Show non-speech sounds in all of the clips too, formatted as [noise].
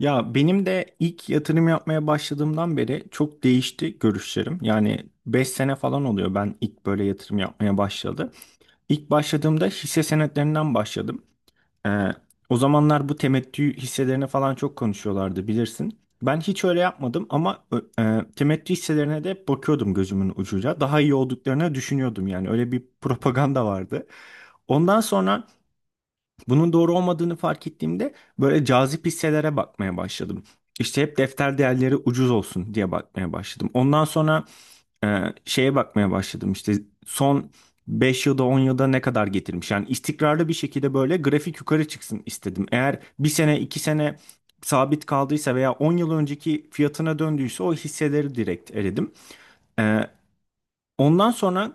Ya benim de ilk yatırım yapmaya başladığımdan beri çok değişti görüşlerim. Yani 5 sene falan oluyor ben ilk böyle yatırım yapmaya başladı. İlk başladığımda hisse senetlerinden başladım. Ee, O zamanlar bu temettü hisselerine falan çok konuşuyorlardı bilirsin. Ben hiç öyle yapmadım ama temettü hisselerine de bakıyordum gözümün ucuyla. Daha iyi olduklarını düşünüyordum yani öyle bir propaganda vardı. Ondan sonra bunun doğru olmadığını fark ettiğimde böyle cazip hisselere bakmaya başladım. İşte hep defter değerleri ucuz olsun diye bakmaya başladım. Ondan sonra e, şeye bakmaya başladım. İşte son 5 yılda 10 yılda ne kadar getirmiş. Yani istikrarlı bir şekilde böyle grafik yukarı çıksın istedim. Eğer bir sene 2 sene sabit kaldıysa veya 10 yıl önceki fiyatına döndüyse o hisseleri direkt eledim. E, Ondan sonra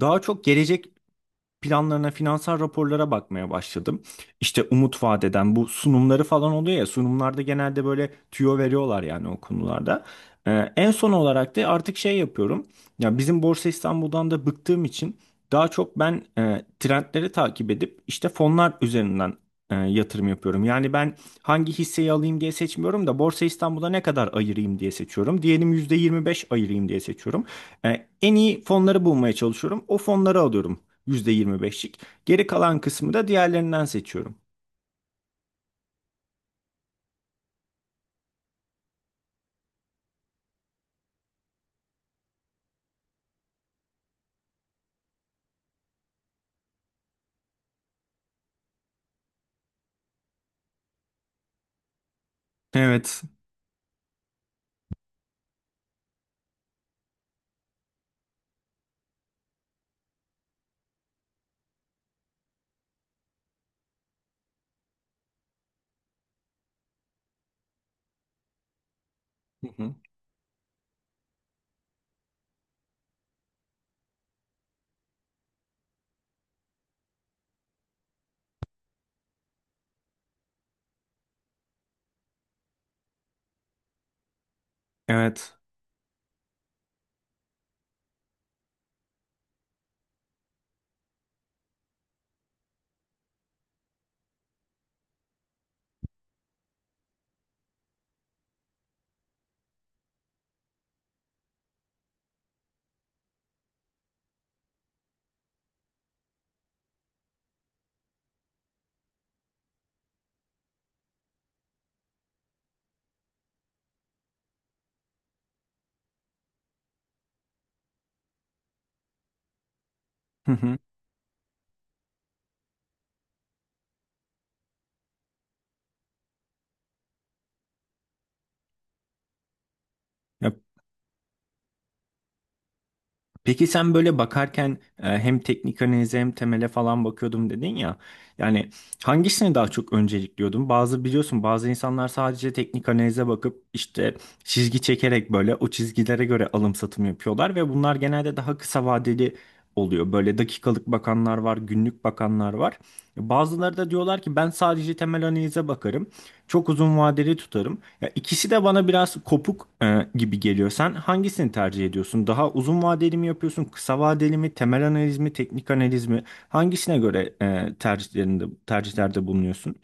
daha çok gelecek planlarına, finansal raporlara bakmaya başladım. İşte umut vaat eden bu sunumları falan oluyor ya sunumlarda genelde böyle tüyo veriyorlar yani o konularda. En son olarak da artık şey yapıyorum. Ya bizim Borsa İstanbul'dan da bıktığım için daha çok ben trendleri takip edip işte fonlar üzerinden yatırım yapıyorum. Yani ben hangi hisseyi alayım diye seçmiyorum da Borsa İstanbul'da ne kadar ayırayım diye seçiyorum. Diyelim %25 ayırayım diye seçiyorum. En iyi fonları bulmaya çalışıyorum. O fonları alıyorum. %25'lik. Geri kalan kısmı da diğerlerinden seçiyorum. Evet. Hı hı. Evet. Hı hı. Ya, peki sen böyle bakarken hem teknik analize hem temele falan bakıyordum dedin ya. Yani hangisini daha çok öncelikliyordun? Bazı biliyorsun bazı insanlar sadece teknik analize bakıp işte çizgi çekerek böyle o çizgilere göre alım satım yapıyorlar ve bunlar genelde daha kısa vadeli oluyor. Böyle dakikalık bakanlar var, günlük bakanlar var. Bazıları da diyorlar ki ben sadece temel analize bakarım. Çok uzun vadeli tutarım. Ya ikisi de bana biraz kopuk gibi geliyor. Sen hangisini tercih ediyorsun? Daha uzun vadeli mi yapıyorsun? Kısa vadeli mi? Temel analiz mi? Teknik analiz mi? Hangisine göre tercihlerde bulunuyorsun?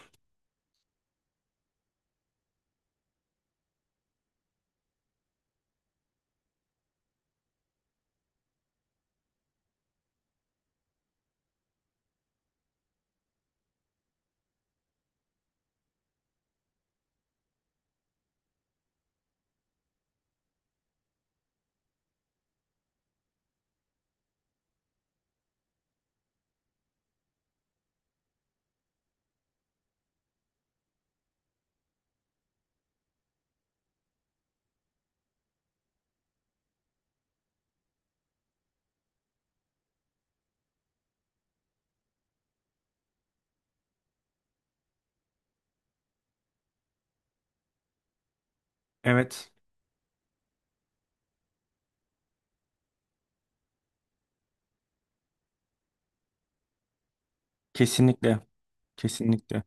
Evet, kesinlikle, kesinlikle.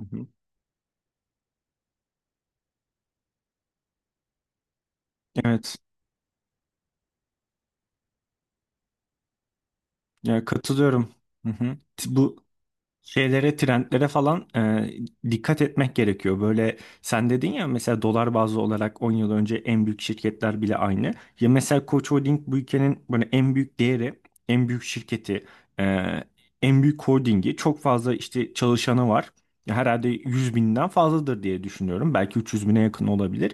Hı hı. Evet, ya katılıyorum. Hı hı. Bu şeylere, trendlere falan dikkat etmek gerekiyor. Böyle sen dedin ya mesela dolar bazlı olarak 10 yıl önce en büyük şirketler bile aynı. Ya mesela Koç Holding bu ülkenin böyle en büyük değeri, en büyük şirketi, e, en büyük holdingi. Çok fazla işte çalışanı var. Herhalde 100 binden fazladır diye düşünüyorum. Belki 300 bine yakın olabilir.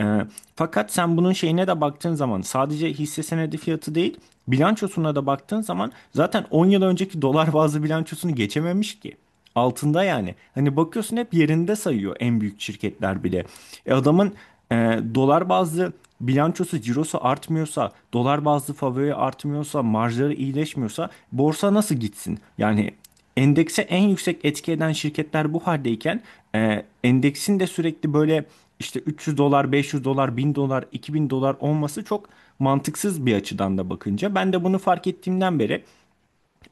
E, Fakat sen bunun şeyine de baktığın zaman sadece hisse senedi fiyatı değil, bilançosuna da baktığın zaman zaten 10 yıl önceki [laughs] dolar bazlı bilançosunu geçememiş ki. Altında yani. Hani bakıyorsun hep yerinde sayıyor en büyük şirketler bile. Adamın e, dolar bazlı bilançosu, cirosu artmıyorsa, dolar bazlı favori artmıyorsa, marjları iyileşmiyorsa borsa nasıl gitsin? Yani endekse en yüksek etki eden şirketler bu haldeyken endeksin de sürekli böyle işte 300 dolar, 500 dolar, 1000 dolar, 2000 dolar olması çok mantıksız bir açıdan da bakınca. Ben de bunu fark ettiğimden beri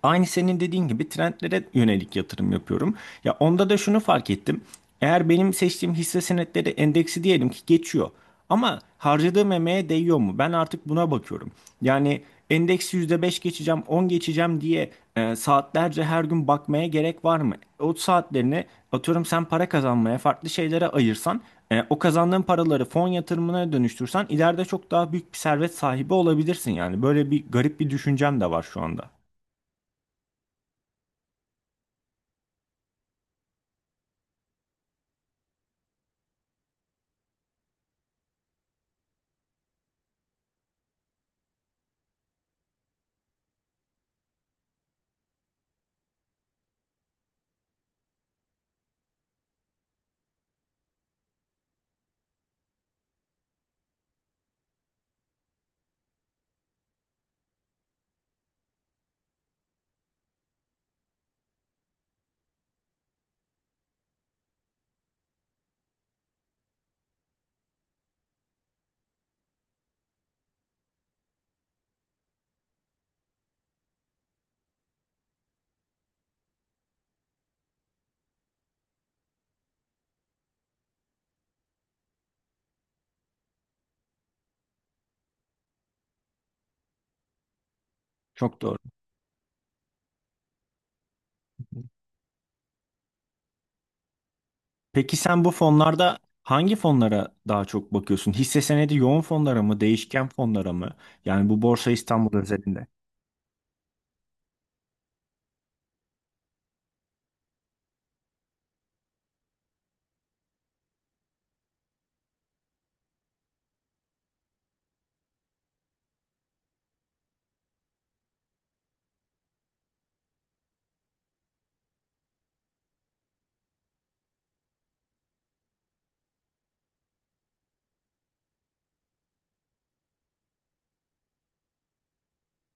aynı senin dediğin gibi trendlere yönelik yatırım yapıyorum. Ya onda da şunu fark ettim. Eğer benim seçtiğim hisse senetleri endeksi diyelim ki geçiyor. Ama harcadığım emeğe değiyor mu? Ben artık buna bakıyorum. Yani endeksi %5 geçeceğim, 10 geçeceğim diye saatlerce her gün bakmaya gerek var mı? O saatlerini atıyorum sen para kazanmaya, farklı şeylere ayırsan, o kazandığın paraları fon yatırımına dönüştürsen ileride çok daha büyük bir servet sahibi olabilirsin yani. Böyle bir garip bir düşüncem de var şu anda. Çok doğru. Peki sen bu fonlarda hangi fonlara daha çok bakıyorsun? Hisse senedi yoğun fonlara mı, değişken fonlara mı? Yani bu Borsa İstanbul özelinde.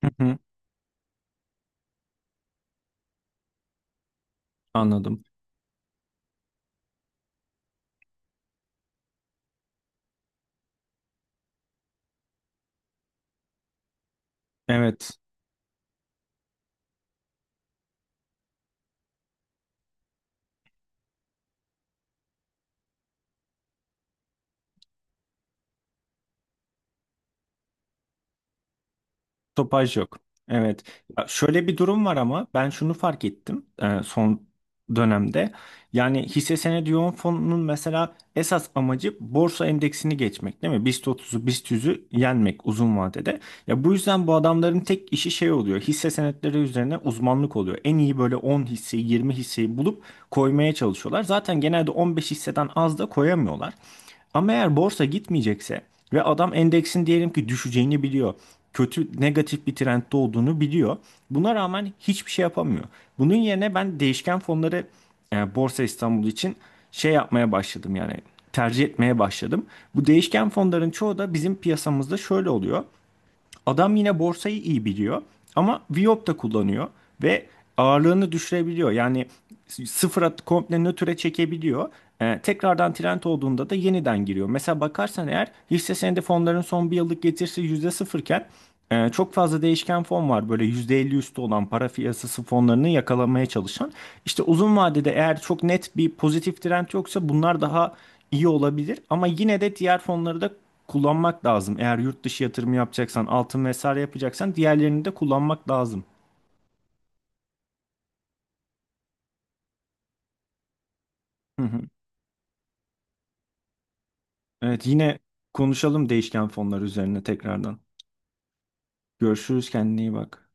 Hı hı. Anladım. Evet. Topaj yok. Evet. Ya şöyle bir durum var ama ben şunu fark ettim son dönemde. Yani hisse senedi yoğun fonunun mesela esas amacı borsa endeksini geçmek değil mi? BIST 30'u, BIST 100'ü yenmek uzun vadede. Ya bu yüzden bu adamların tek işi şey oluyor. Hisse senetleri üzerine uzmanlık oluyor. En iyi böyle 10 hisseyi, 20 hisseyi bulup koymaya çalışıyorlar. Zaten genelde 15 hisseden az da koyamıyorlar. Ama eğer borsa gitmeyecekse ve adam endeksin diyelim ki düşeceğini biliyor. Kötü negatif bir trendde olduğunu biliyor. Buna rağmen hiçbir şey yapamıyor. Bunun yerine ben değişken fonları Borsa İstanbul için şey yapmaya başladım yani tercih etmeye başladım. Bu değişken fonların çoğu da bizim piyasamızda şöyle oluyor. Adam yine borsayı iyi biliyor ama VWAP da kullanıyor ve ağırlığını düşürebiliyor. Yani sıfıra komple nötre çekebiliyor. Tekrardan trend olduğunda da yeniden giriyor. Mesela bakarsan eğer hisse senedi fonların son bir yıllık getirisi %0 iken çok fazla değişken fon var böyle %50 üstü olan para piyasası fonlarını yakalamaya çalışan. İşte uzun vadede eğer çok net bir pozitif trend yoksa bunlar daha iyi olabilir ama yine de diğer fonları da kullanmak lazım. Eğer yurt dışı yatırımı yapacaksan, altın vesaire yapacaksan diğerlerini de kullanmak lazım. Hı hı. Evet yine konuşalım değişken fonlar üzerine tekrardan. Görüşürüz kendine iyi bak.